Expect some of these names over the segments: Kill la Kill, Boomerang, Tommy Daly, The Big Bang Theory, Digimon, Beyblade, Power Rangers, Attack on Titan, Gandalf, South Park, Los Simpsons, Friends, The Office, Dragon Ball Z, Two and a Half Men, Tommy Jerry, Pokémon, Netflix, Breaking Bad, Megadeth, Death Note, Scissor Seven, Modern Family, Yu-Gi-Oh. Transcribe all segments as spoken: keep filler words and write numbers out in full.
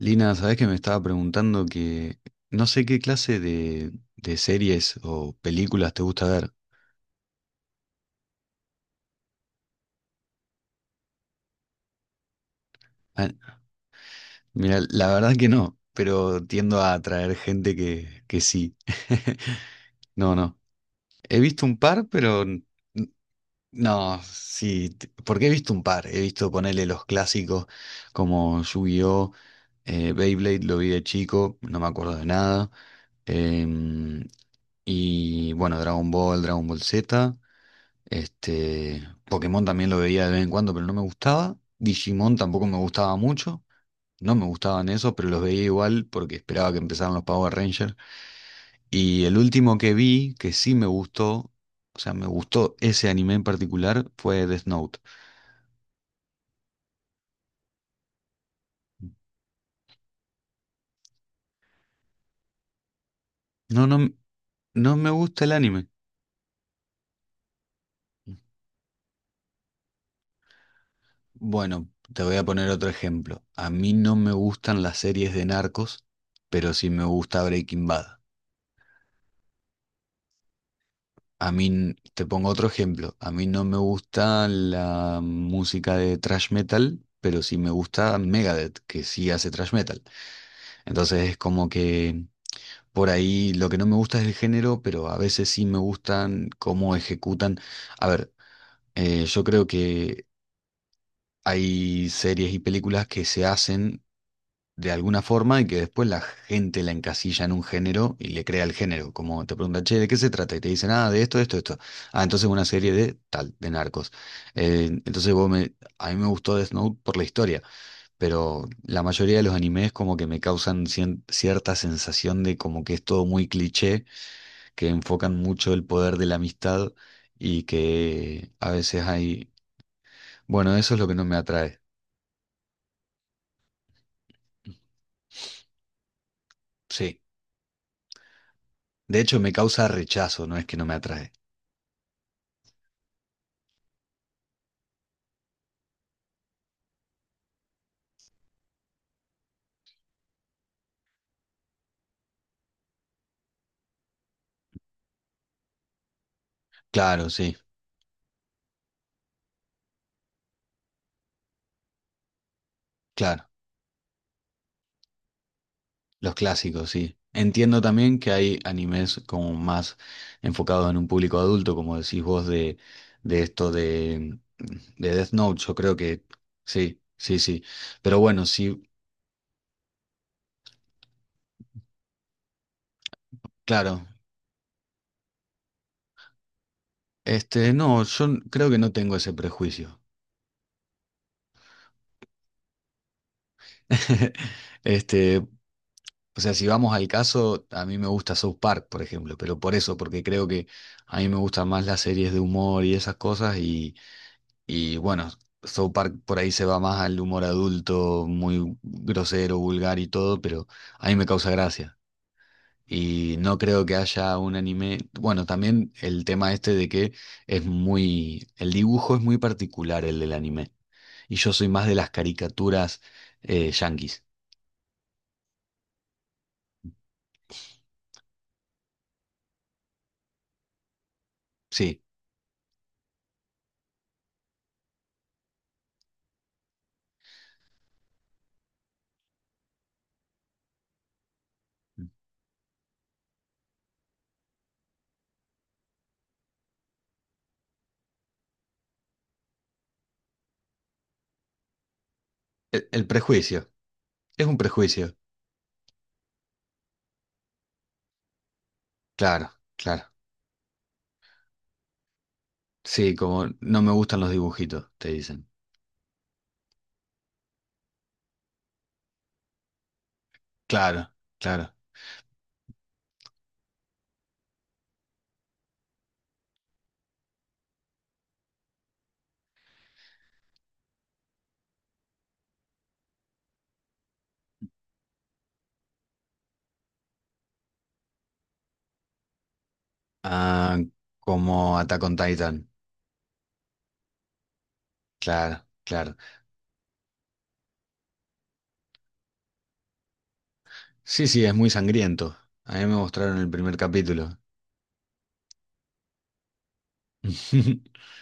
Lina, sabés que me estaba preguntando que no sé qué clase de, de series o películas te gusta ver. Ah, mira, la verdad que no, pero tiendo a atraer gente que, que sí. No, no. He visto un par, pero n- no, sí. t- Porque he visto un par. He visto ponerle los clásicos como Yu-Gi-Oh, eh, Beyblade, lo vi de chico, no me acuerdo de nada. Em, y bueno, Dragon Ball, Dragon Ball Z. Este, Pokémon también lo veía de vez en cuando, pero no me gustaba. Digimon tampoco me gustaba mucho. No me gustaban esos, pero los veía igual porque esperaba que empezaran los Power Rangers. Y el último que vi, que sí me gustó, o sea, me gustó ese anime en particular, fue Death Note. No, no, no me gusta el anime. Bueno, te voy a poner otro ejemplo. A mí no me gustan las series de narcos, pero sí me gusta Breaking Bad. A mí, n- te pongo otro ejemplo, a mí no me gusta la música de thrash metal, pero sí me gusta Megadeth, que sí hace thrash metal. Entonces es como que por ahí lo que no me gusta es el género, pero a veces sí me gustan cómo ejecutan. A ver, eh, yo creo que hay series y películas que se hacen de alguna forma y que después la gente la encasilla en un género y le crea el género. Como te preguntan, che, ¿de qué se trata? Y te dicen, ah, de esto, esto, esto. Ah, entonces una serie de tal, de narcos. Eh, entonces vos me, a mí me gustó Death Note por la historia, pero la mayoría de los animes como que me causan cien- cierta sensación de como que es todo muy cliché, que enfocan mucho el poder de la amistad y que a veces hay... Bueno, eso es lo que no me atrae. Sí. De hecho, me causa rechazo, no es que no me atrae. Claro, sí, claro. Los clásicos, sí. Entiendo también que hay animes como más enfocados en un público adulto, como decís vos, de, de esto de, de Death Note, yo creo que sí, sí, sí. Pero bueno, sí, claro. Este, no, yo n- creo que no tengo ese prejuicio. Este, o sea, si vamos al caso, a mí me gusta South Park, por ejemplo, pero por eso, porque creo que a mí me gustan más las series de humor y esas cosas. Y bueno, South Park por ahí se va más al humor adulto, muy grosero, vulgar y todo, pero a mí me causa gracia. Y no creo que haya un anime. Bueno, también el tema este de que es muy. El dibujo es muy particular el del anime. Y yo soy más de las caricaturas eh, yanquis. Sí. El, el prejuicio. Es un prejuicio. Claro, claro. Sí, como no me gustan los dibujitos, te dicen. Claro, claro. Ah, como Attack on Titan. Claro, claro. Sí, sí, es muy sangriento. A mí me mostraron el primer capítulo.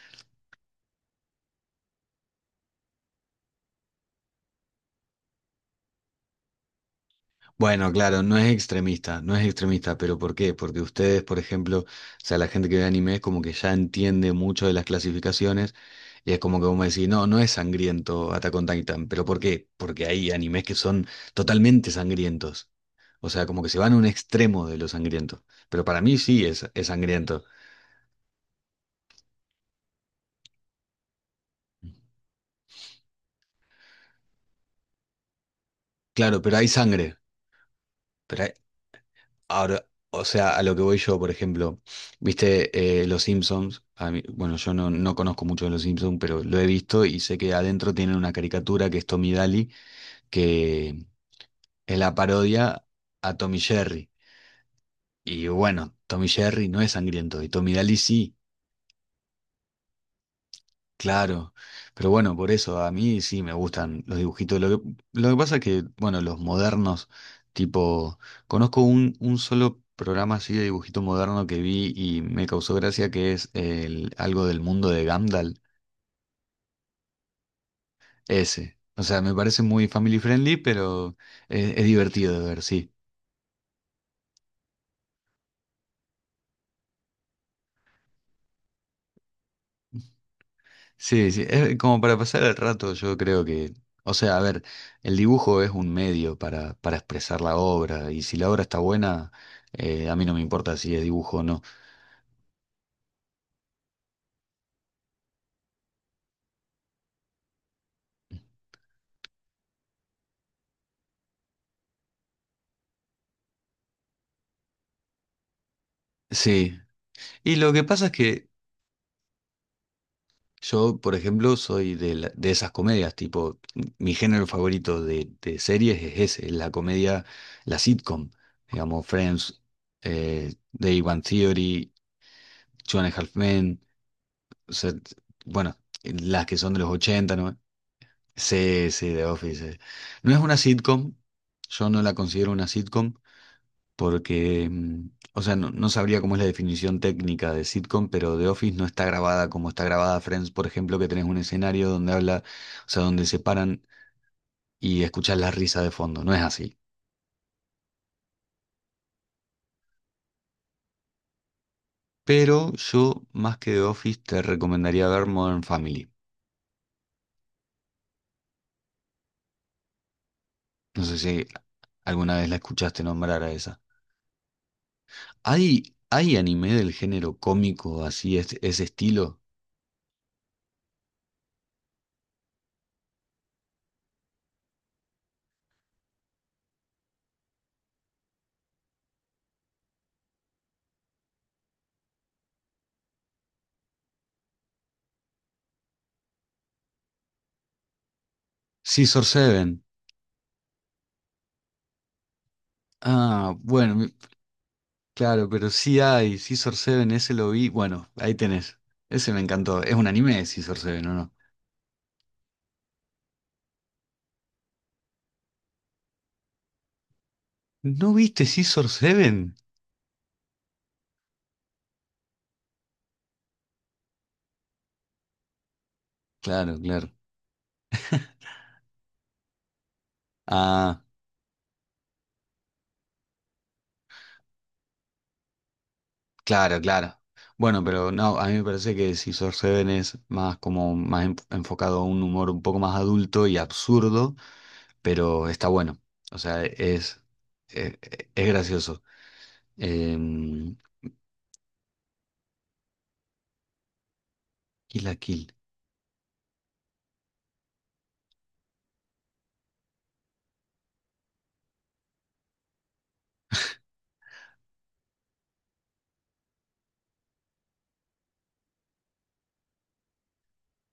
Bueno, claro, no es extremista, no es extremista, pero ¿por qué? Porque ustedes, por ejemplo, o sea, la gente que ve anime es como que ya entiende mucho de las clasificaciones y es como que vos me decís, no, no es sangriento Attack on Titan, pero ¿por qué? Porque hay animes que son totalmente sangrientos. O sea, como que se van a un extremo de lo sangriento. Pero para mí sí es, es sangriento. Claro, pero hay sangre. Pero hay- Ahora, o sea, a lo que voy yo, por ejemplo, viste eh, Los Simpsons. A mí- bueno, yo no, no conozco mucho de Los Simpsons, pero lo he visto y sé que adentro tienen una caricatura que es Tommy Daly, que es la parodia a Tommy Jerry. Y bueno, Tommy Jerry no es sangriento y Tommy Daly sí. Claro, pero bueno, por eso a mí sí me gustan los dibujitos. Lo que, lo que pasa es que, bueno, los modernos, tipo, conozco un, un solo programa así de dibujito moderno que vi y me causó gracia que es el, algo del mundo de Gandalf, ese. O sea, me parece muy family friendly, pero es, es divertido de ver, sí. Sí, sí, es como para pasar el rato, yo creo que, o sea, a ver, el dibujo es un medio para, para expresar la obra y si la obra está buena, eh, a mí no me importa si es dibujo o no. Sí, y lo que pasa es que yo, por ejemplo, soy de, la- de esas comedias, tipo, m- mi género favorito de, de series es ese, es la comedia, la sitcom, digamos, Friends, eh, The Big Bang Theory, Two and a Half Men, o sea, t- bueno, las que son de los ochenta, ¿no? Sí, sí, The Office. eh. No es una sitcom, yo no la considero una sitcom porque, mm, o sea, no, no sabría cómo es la definición técnica de sitcom, pero The Office no está grabada como está grabada Friends, por ejemplo, que tenés un escenario donde habla, o sea, donde se paran y escuchás la risa de fondo, no es así. Pero yo, más que The Office, te recomendaría ver Modern Family. No sé si alguna vez la escuchaste nombrar a esa. ¿Hay, hay anime del género cómico así, es- ese estilo? Scissor Seven. Ah, bueno, mi- claro, pero sí hay, Scissor Seven, ese lo vi. Bueno, ahí tenés. Ese me encantó. Es un anime de Scissor Seven, ¿o no? ¿No viste Scissor Seven? Claro, claro. Ah, claro, claro. Bueno, pero no, a mí me parece que Scissor Seven es más como más en- enfocado a un humor un poco más adulto y absurdo, pero está bueno. O sea, es, es, es gracioso. Em, Kill la Kill.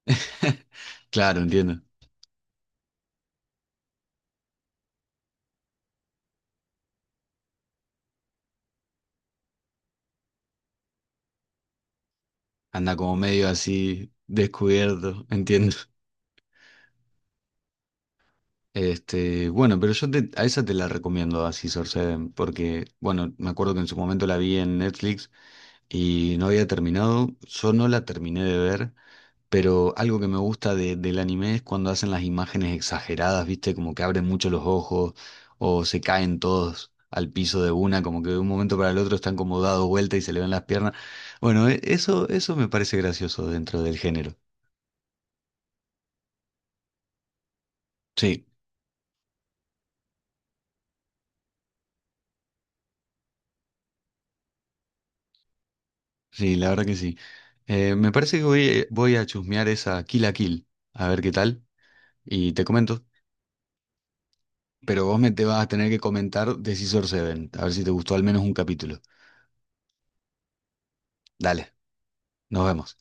Claro, entiendo. Anda como medio así descubierto, entiendo. Este, bueno, pero yo te- a esa te la recomiendo a Scissor Seven, porque, bueno, me acuerdo que en su momento la vi en Netflix y no había terminado, yo no la terminé de ver, pero algo que me gusta de- del anime es cuando hacen las imágenes exageradas, ¿viste? Como que abren mucho los ojos o se caen todos al piso de una, como que de un momento para el otro están como dados vuelta y se le ven las piernas. Bueno, e- eso, eso me parece gracioso dentro del género. Sí. Sí, la verdad que sí. Eh, me parece que voy, eh, voy a chusmear esa Kill a Kill, a ver qué tal, y te comento. Pero vos me te vas a tener que comentar de Scissor Seven, a ver si te gustó al menos un capítulo. Dale, nos vemos.